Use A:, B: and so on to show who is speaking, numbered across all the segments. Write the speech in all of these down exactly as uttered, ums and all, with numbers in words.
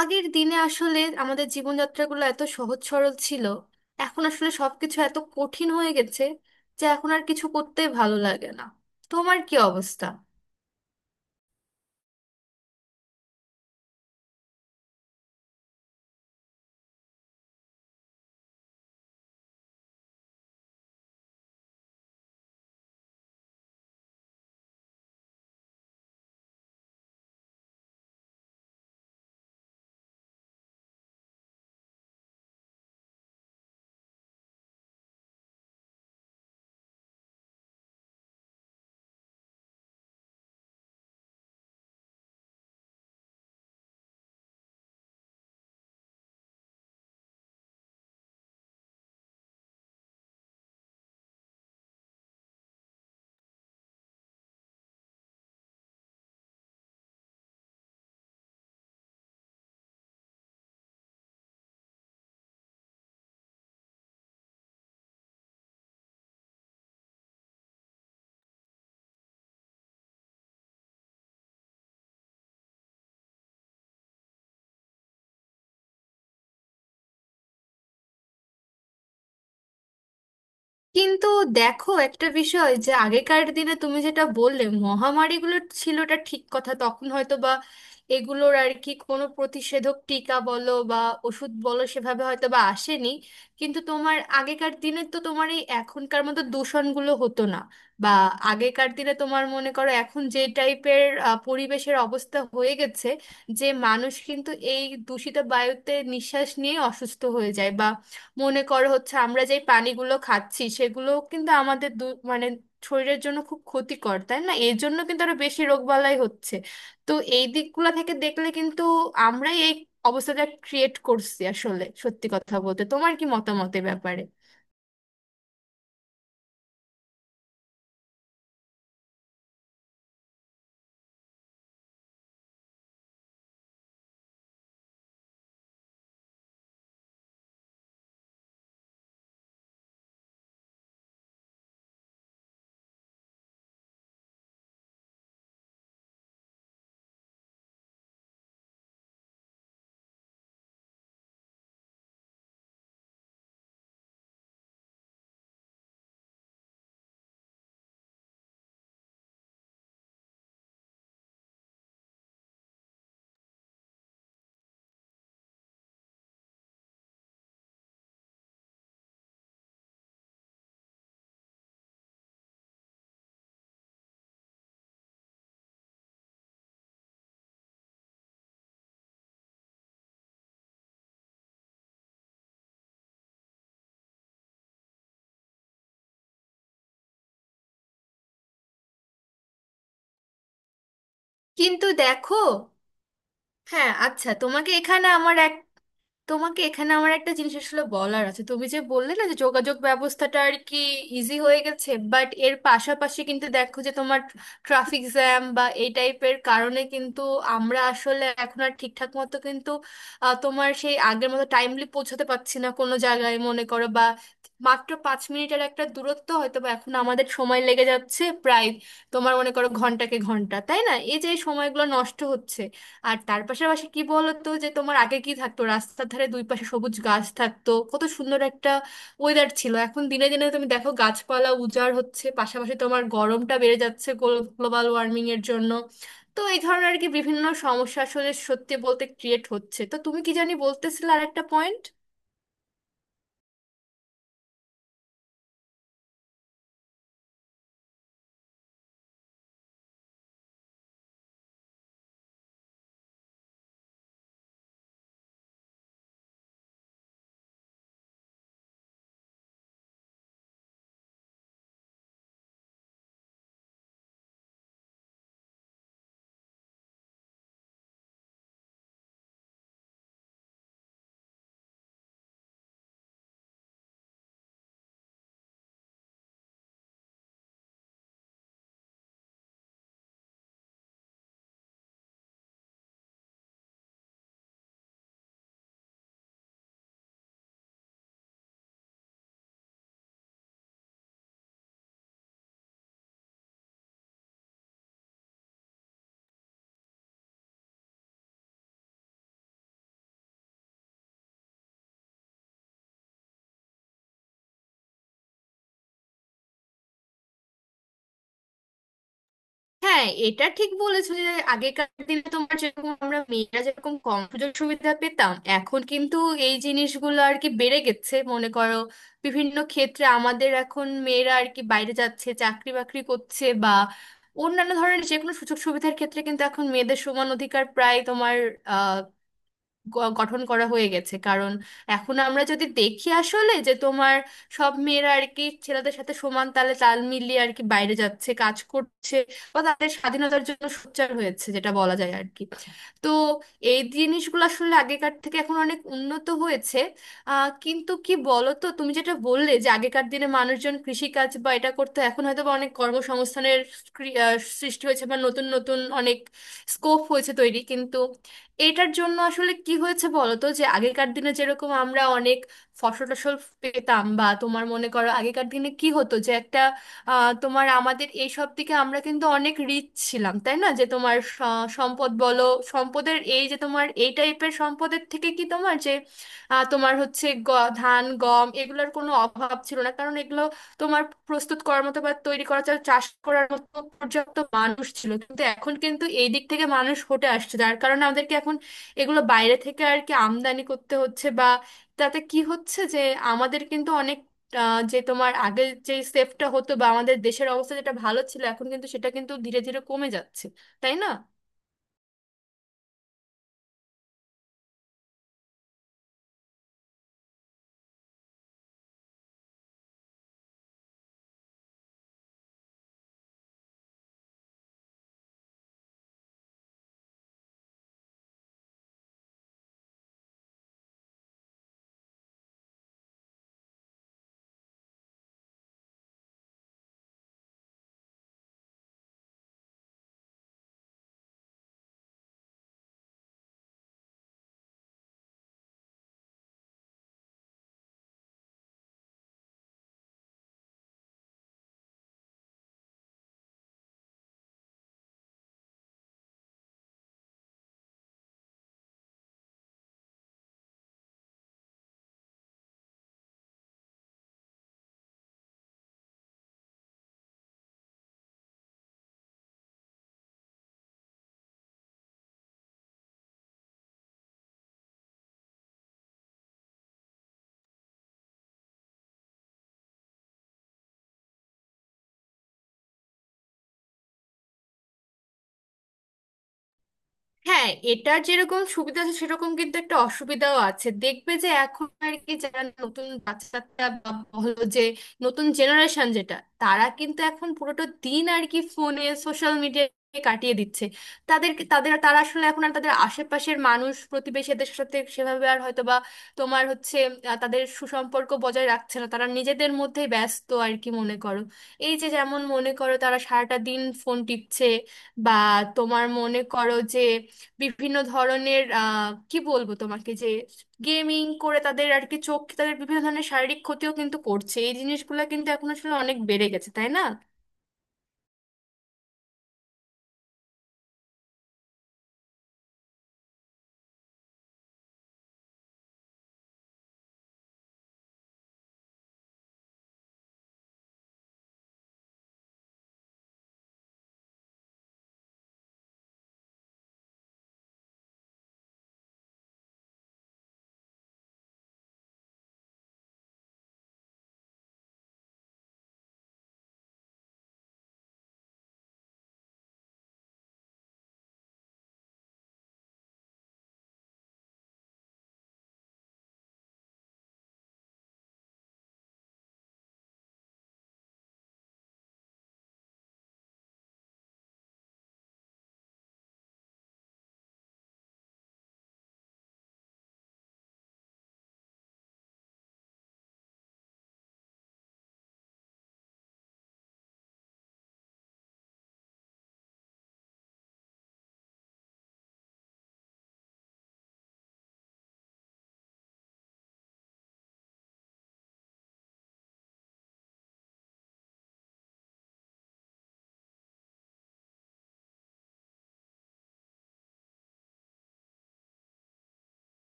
A: আগের দিনে আসলে আমাদের জীবনযাত্রাগুলো এত সহজ সরল ছিল। এখন আসলে সবকিছু এত কঠিন হয়ে গেছে যে এখন আর কিছু করতে ভালো লাগে না। তোমার কি অবস্থা? কিন্তু দেখো একটা বিষয় যে আগেকার দিনে তুমি যেটা বললে মহামারীগুলো ছিলটা ঠিক কথা, তখন হয়তো বা এগুলোর আর কি কোনো প্রতিষেধক, টিকা বলো বা ওষুধ বলো সেভাবে হয়তো বা আসেনি। কিন্তু তোমার আগেকার দিনে তো তোমার এই এখনকার মতো দূষণগুলো হতো না। বা আগেকার দিনে তোমার মনে করো এখন যে টাইপের পরিবেশের অবস্থা হয়ে গেছে, যে মানুষ কিন্তু এই দূষিত বায়ুতে নিঃশ্বাস নিয়ে অসুস্থ হয়ে যায়। বা মনে করো হচ্ছে আমরা যেই পানিগুলো খাচ্ছি সেগুলো কিন্তু আমাদের দু- মানে শরীরের জন্য খুব ক্ষতিকর, তাই না? এর জন্য কিন্তু আরো বেশি রোগবালাই হচ্ছে। তো এই দিকগুলো থেকে দেখলে কিন্তু আমরাই এই অবস্থাটা ক্রিয়েট করছি আসলে, সত্যি কথা বলতে। তোমার কি মতামত এ ব্যাপারে? কিন্তু দেখো, হ্যাঁ আচ্ছা, তোমাকে এখানে আমার এক, তোমাকে এখানে আমার একটা জিনিস আসলে বলার আছে। তুমি যে বললে না যে যোগাযোগ ব্যবস্থাটা আর কি ইজি হয়ে গেছে, বাট এর পাশাপাশি কিন্তু দেখো যে তোমার ট্রাফিক জ্যাম বা এই টাইপের কারণে কিন্তু আমরা আসলে এখন আর ঠিকঠাক মতো কিন্তু আহ, তোমার সেই আগের মতো টাইমলি পৌঁছাতে পারছি না কোনো জায়গায় মনে করো। বা মাত্র পাঁচ মিনিটের একটা দূরত্ব হয়তো বা এখন আমাদের সময় লেগে যাচ্ছে প্রায় তোমার মনে করো ঘন্টাকে ঘন্টা, তাই না? এই যে এই সময়গুলো নষ্ট হচ্ছে। আর তার পাশাপাশি কি বলতো যে তোমার আগে কি থাকতো, রাস্তার ধারে দুই পাশে সবুজ গাছ থাকতো, কত সুন্দর একটা ওয়েদার ছিল। এখন দিনে দিনে তুমি দেখো গাছপালা উজাড় হচ্ছে, পাশাপাশি তোমার গরমটা বেড়ে যাচ্ছে গ্লোবাল ওয়ার্মিং এর জন্য। তো এই ধরনের আর কি বিভিন্ন সমস্যা আসলে সত্যি বলতে ক্রিয়েট হচ্ছে। তো তুমি কি জানি বলতেছিলে আর একটা পয়েন্ট? হ্যাঁ এটা ঠিক বলেছো যে আগেকার দিনে তোমার যেরকম আমরা মেয়েরা যেরকম কম সুযোগ সুবিধা পেতাম, এখন কিন্তু এই জিনিসগুলো আর কি বেড়ে গেছে মনে করো। বিভিন্ন ক্ষেত্রে আমাদের এখন মেয়েরা আর কি বাইরে যাচ্ছে, চাকরি বাকরি করছে, বা অন্যান্য ধরনের যে কোনো সুযোগ সুবিধার ক্ষেত্রে কিন্তু এখন মেয়েদের সমান অধিকার প্রায় তোমার গ- গঠন করা হয়ে গেছে। কারণ এখন আমরা যদি দেখি আসলে যে তোমার সব মেয়েরা আর কি ছেলেদের সাথে সমান তালে তাল মিলিয়ে আর কি বাইরে যাচ্ছে, কাজ করছে, বা তাদের স্বাধীনতার জন্য সোচ্চার হয়েছে, যেটা বলা যায় আর কি। তো এই জিনিসগুলো আসলে আগেকার থেকে এখন অনেক উন্নত হয়েছে। আহ, কিন্তু কি বলতো তুমি যেটা বললে যে আগেকার দিনে মানুষজন কৃষিকাজ বা এটা করতো, এখন হয়তো বা অনেক কর্মসংস্থানের ক্রি- আহ, সৃষ্টি হয়েছে বা নতুন নতুন অনেক স্কোপ হয়েছে তৈরি। কিন্তু এটার জন্য আসলে কি হয়েছে বলতো যে আগেকার দিনে যেরকম আমরা অনেক ফসল টসল পেতাম, বা তোমার মনে করো আগেকার দিনে কি হতো যে একটা আহ, তোমার আমাদের এই সব দিকে আমরা কিন্তু অনেক রিচ ছিলাম, তাই না? যে তোমার স- সম্পদ বলো, সম্পদের এই যে তোমার এই টাইপের সম্পদের থেকে কি তোমার যে আহ, তোমার হচ্ছে গ- ধান, গম এগুলোর কোনো অভাব ছিল না, কারণ এগুলো তোমার প্রস্তুত করার মতো বা তৈরি করা, চাল চাষ করার মতো পর্যাপ্ত মানুষ ছিল। কিন্তু এখন কিন্তু এই দিক থেকে মানুষ হটে আসছে, যার কারণে আমাদেরকে এখন এগুলো বাইরে থেকে আর কি আমদানি করতে হচ্ছে। বা তাতে কি হচ্ছে যে আমাদের কিন্তু অনেক আহ, যে তোমার আগে যে সেফটা হতো বা আমাদের দেশের অবস্থা যেটা ভালো ছিল, এখন কিন্তু সেটা কিন্তু ধীরে ধীরে কমে যাচ্ছে, তাই না? হ্যাঁ এটার যেরকম সুবিধা আছে সেরকম কিন্তু একটা অসুবিধাও আছে। দেখবে যে এখন আর কি যারা নতুন বাচ্চা কাচ্চা বা হলো যে নতুন জেনারেশন যেটা, তারা কিন্তু এখন পুরোটা দিন আর কি ফোনে সোশ্যাল মিডিয়ায় কাটিয়ে দিচ্ছে। তাদেরকে তাদের তারা আসলে এখন আর তাদের আশেপাশের মানুষ প্রতিবেশীদের সাথে সেভাবে আর হয়তো বা তোমার হচ্ছে আহ, তাদের সুসম্পর্ক বজায় রাখছে না, তারা নিজেদের মধ্যেই ব্যস্ত আর কি মনে করো। এই যে যেমন মনে করো তারা সারাটা দিন ফোন টিপছে, বা তোমার মনে করো যে বিভিন্ন ধরনের আহ, কি বলবো তোমাকে, যে গেমিং করে তাদের আর কি চোখ, তাদের বিভিন্ন ধরনের শারীরিক ক্ষতিও কিন্তু করছে। এই জিনিসগুলো কিন্তু এখন আসলে অনেক বেড়ে গেছে, তাই না?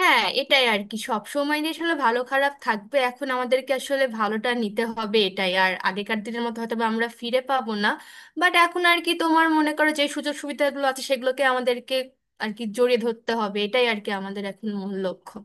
A: হ্যাঁ এটাই আর কি, সব সময় যে আসলে ভালো খারাপ থাকবে, এখন আমাদেরকে আসলে ভালোটা নিতে হবে, এটাই। আর আগেকার দিনের মতো হয়তো বা আমরা ফিরে পাবো না, বাট এখন আর কি তোমার মনে করো যে সুযোগ সুবিধাগুলো আছে সেগুলোকে আমাদেরকে আর কি জড়িয়ে ধরতে হবে, এটাই আর কি আমাদের এখন মূল লক্ষ্য।